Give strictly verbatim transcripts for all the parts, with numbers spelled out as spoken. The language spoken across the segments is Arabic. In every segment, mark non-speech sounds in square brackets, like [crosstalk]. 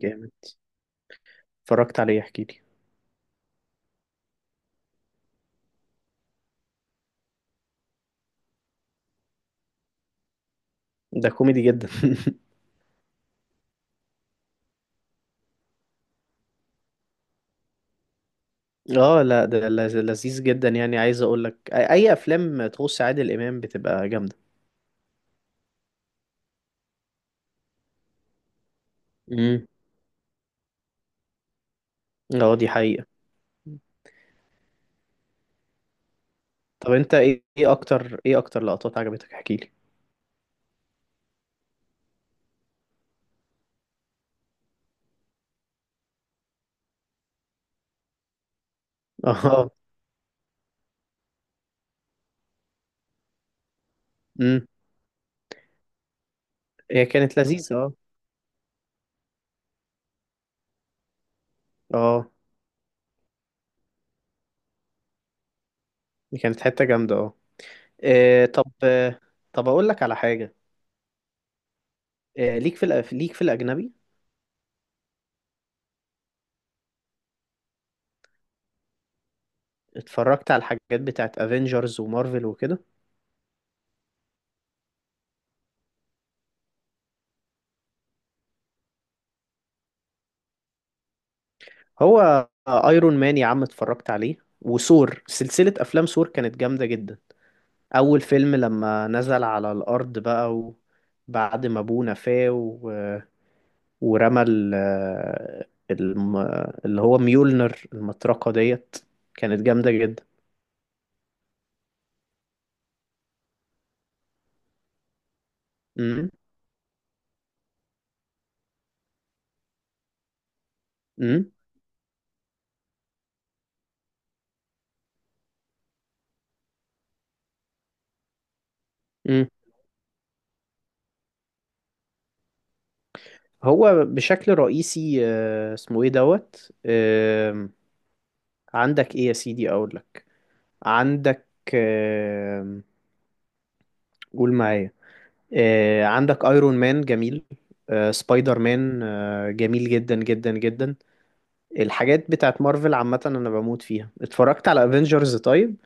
جامد. اتفرجت عليه، احكي لي. ده كوميدي جدا. [laughs] اه لا، ده لذ- لذيذ جدا، يعني عايز اقول لك اي أي افلام تخص عادل امام بتبقى جامده. امم. اه دي حقيقه. طب انت ايه إيه اكتر ايه اكتر لقطات عجبتك، احكي لي. اه. [laughs] امم. هي كانت لذيذه، اه. اه دي كانت حته جامده، اه. آه، طب، آه، طب اقول لك على حاجه. آه، ليك في الأ- ليك في الاجنبي؟ اتفرجت على الحاجات بتاعت افنجرز ومارفل وكده. هو ايرون مان يا عم اتفرجت عليه، وثور، سلسلة افلام ثور كانت جامدة جدا. اول فيلم لما نزل على الارض بقى، وبعد ما ابوه نفاه و... ورمى ال... الم... اللي هو ميولنر المطرقة ديت، كانت جامدة جدا. امم. امم. امم. هو بشكل رئيسي آه، اسمه ايه دوت، آم، عندك ايه يا سيدي، اقول لك. عندك، آم، قول معايا. آه، عندك ايرون مان جميل، آه، سبايدر مان آه، جميل جدا جدا جدا. الحاجات بتاعت مارفل عامة انا بموت فيها، اتفرجت على افنجرز طيب.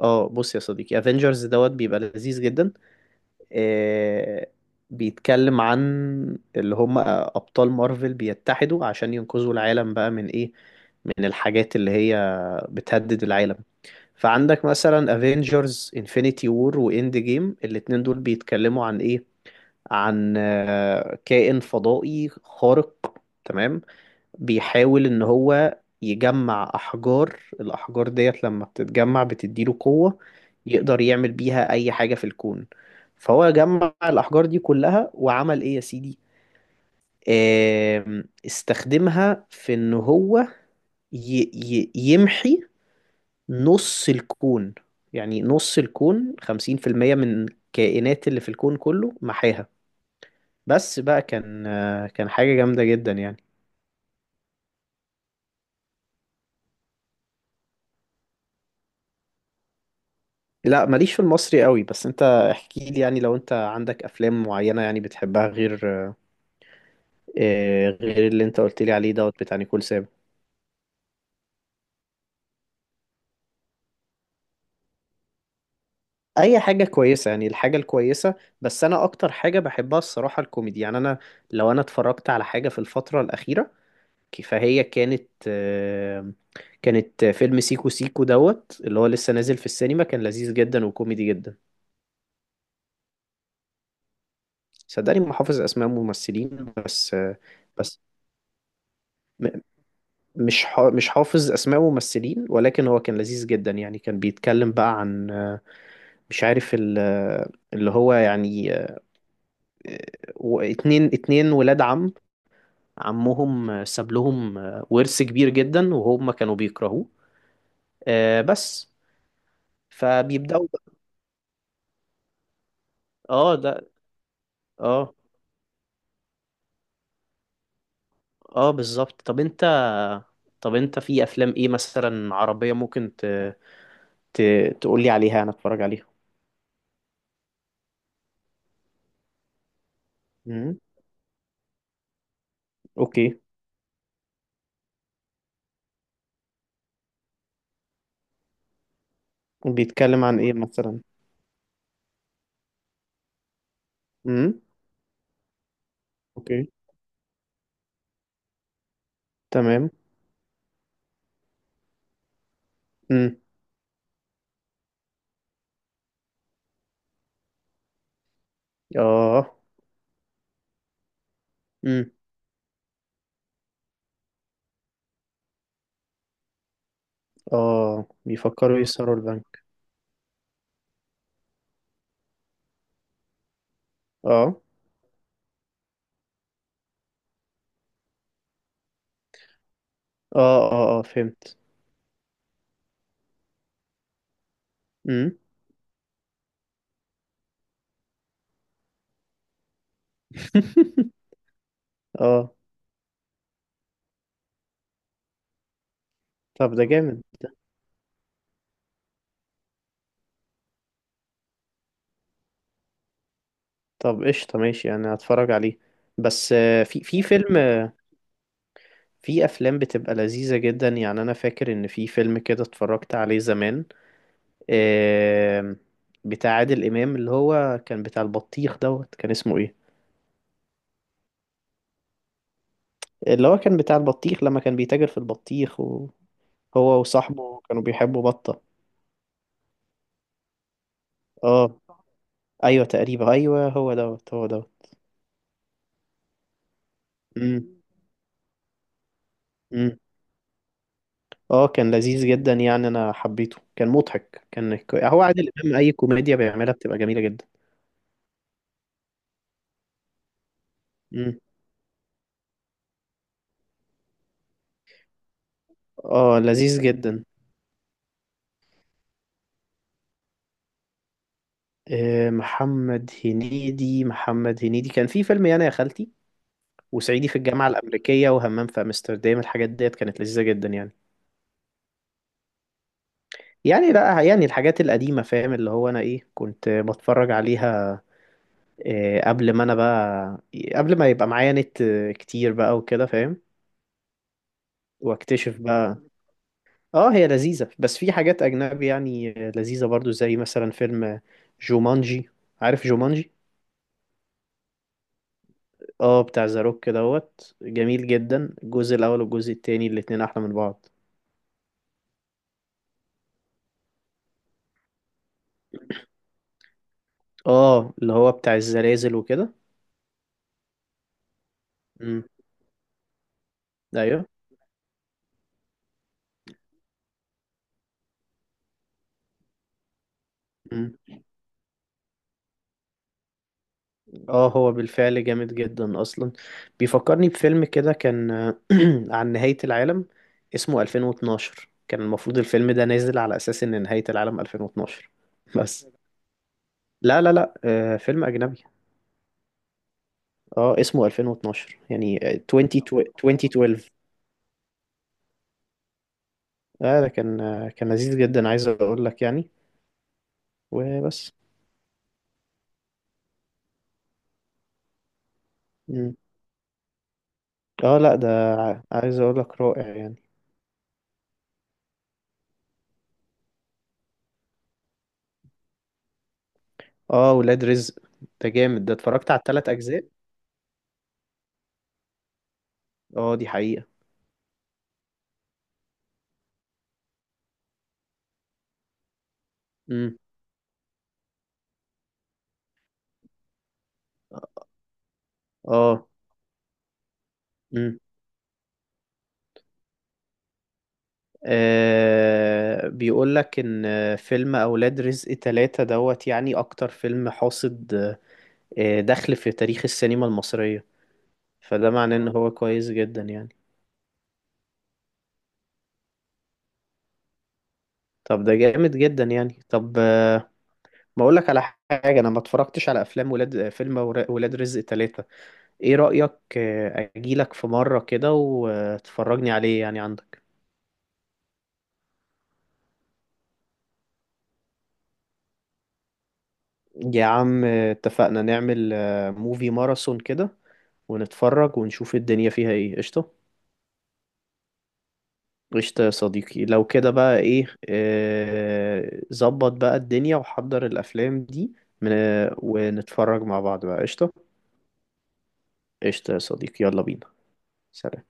اه بص يا صديقي، افنجرز دوت بيبقى لذيذ جدا. آه، بيتكلم عن اللي هم ابطال مارفل بيتحدوا عشان ينقذوا العالم بقى من ايه، من الحاجات اللي هي بتهدد العالم. فعندك مثلا افنجرز انفينيتي وور واند جيم، الاتنين دول بيتكلموا عن ايه، عن آه، كائن فضائي خارق، تمام، بيحاول ان هو يجمع احجار الاحجار ديت، لما بتتجمع بتديله قوة، يقدر يعمل بيها اي حاجة في الكون. فهو جمع الاحجار دي كلها، وعمل ايه يا سيدي، آم، استخدمها في ان هو ي ي يمحي نص الكون. يعني نص الكون، خمسين في المية من الكائنات اللي في الكون كله محاها. بس بقى، كان آه، كان حاجة جامدة جدا يعني. لا، ماليش في المصري قوي، بس انت احكي لي يعني، لو انت عندك افلام معينة يعني بتحبها، غير آه، غير اللي انت قلت لي عليه دوت بتاع نيكول سابا. اي حاجة كويسة يعني، الحاجة الكويسة. بس انا اكتر حاجة بحبها الصراحة الكوميدي، يعني انا لو انا اتفرجت على حاجة في الفترة الأخيرة، ك- فهي كانت، آه، كانت فيلم سيكو سيكو دوت اللي هو لسه نازل في السينما، كان لذيذ جدا وكوميدي جدا. صدقني ما حافظ اسماء ممثلين، بس آه، بس م- مش حا- مش حافظ اسماء ممثلين، ولكن هو كان لذيذ جدا يعني. كان بيتكلم بقى عن آه، مش عارف ال- آه، اللي هو يعني آه، و- اتنين اتنين ولاد عم، عمهم آه، ساب لهم آه، ورث كبير جدا، وهم كانوا بيكرهوه. آه، بس فبيبدأوا بقى- اه ده. اه، اه بالظبط. طب انت، طب انت في افلام ايه مثلا عربية ممكن ت... ت... تقولي عليها انا اتفرج عليها. امم. اوكي. بيتكلم عن ايه مثلا؟ اوكي. تمام. امم. اه. امم. اه بيفكروا يسرقوا البنك. اه، اه، اه، اه فهمت. امم. [laughs] اه. طب ده جامد ده. طب قشطة، ماشي، انا هتفرج عليه. بس آه، في في فيلم، آه، في افلام بتبقى لذيذة جدا. يعني انا فاكر ان في فيلم كده اتفرجت عليه زمان، آم، بتاع عادل امام اللي هو كان بتاع البطيخ دوت، كان اسمه ايه؟ اللي هو كان بتاع البطيخ، لما كان بيتاجر في البطيخ، وهو وصاحبه كانوا بيحبوا بطة. اه. ايوه تقريبا، ايوه هو دوت هو دوت. امم. امم. اه كان لذيذ جدا يعني، انا حبيته، كان مضحك، كان ك- هو عادل امام، اي كوميديا بيعملها بتبقى جميله جدا. امم. اه لذيذ جدا. آه، محمد هنيدي محمد هنيدي كان في فيلم يعني يا خالتي، وصعيدي في الجامعه الامريكيه، وهمام في امستردام، الحاجات ديت كانت لذيذه جدا يعني. يعني لا، يعني الحاجات القديمه فاهم، اللي هو انا ايه كنت بتفرج عليها، إيه، قبل ما انا بقى قبل ما يبقى معايا نت كتير بقى وكده فاهم، واكتشف بقى. اه هي لذيذة، بس في حاجات اجنبي يعني لذيذة برضو، زي مثلا فيلم جومانجي. عارف جومانجي؟ اه بتاع ذا روك دوت، جميل جدا، الجزء الاول والجزء التاني الاتنين احلى من بعض. اه اللي هو بتاع الزلازل وكده. امم. ايوه. امم. اه هو بالفعل جامد جدا اصلا، بيفكرني بفيلم كده كان [clears throat] عن نهاية العالم، اسمه ألفين واثنا عشر. كان المفروض الفيلم ده نازل على اساس ان نهاية العالم ألفين واثنا عشر. بس لا، لا، لا، آه فيلم اجنبي. اه اسمه ألفين واتناشر يعني، آه، عشرين، ألفين واتناشر. اه ده كان آه، كان لذيذ جدا، عايز اقول لك يعني. وبس. مم. اه لا ده، ع- عايز اقول لك رائع يعني. اه ولاد رزق، ده جامد ده، اتفرجت على الثلاث اجزاء. اه دي حقيقة. مم. اه. مم. آه بيقول لك ان فيلم اولاد رزق ثلاثة دوت يعني اكتر فيلم حاصد، آه، دخل في تاريخ السينما المصرية. فده معناه ان هو كويس جدا يعني. طب ده جامد جدا يعني. طب آه، ما اقول لك على حاجة، انا ما اتفرجتش على افلام ولاد فيلم ور- ولاد رزق ثلاثة. ايه رأيك آه، اجيلك في مرة كده وتفرجني عليه، يعني عندك. يا عم آه، اتفقنا نعمل آه، موفي ماراثون كده، ونتفرج ونشوف الدنيا فيها ايه، قشطة. قشطة يا صديقي، لو كده بقى ايه، آه، ظبط بقى الدنيا وحضر الأفلام دي. من- آه، ونتفرج مع بعض بقى، قشطة. قشطة يا صديقي، يلا بينا. سلام.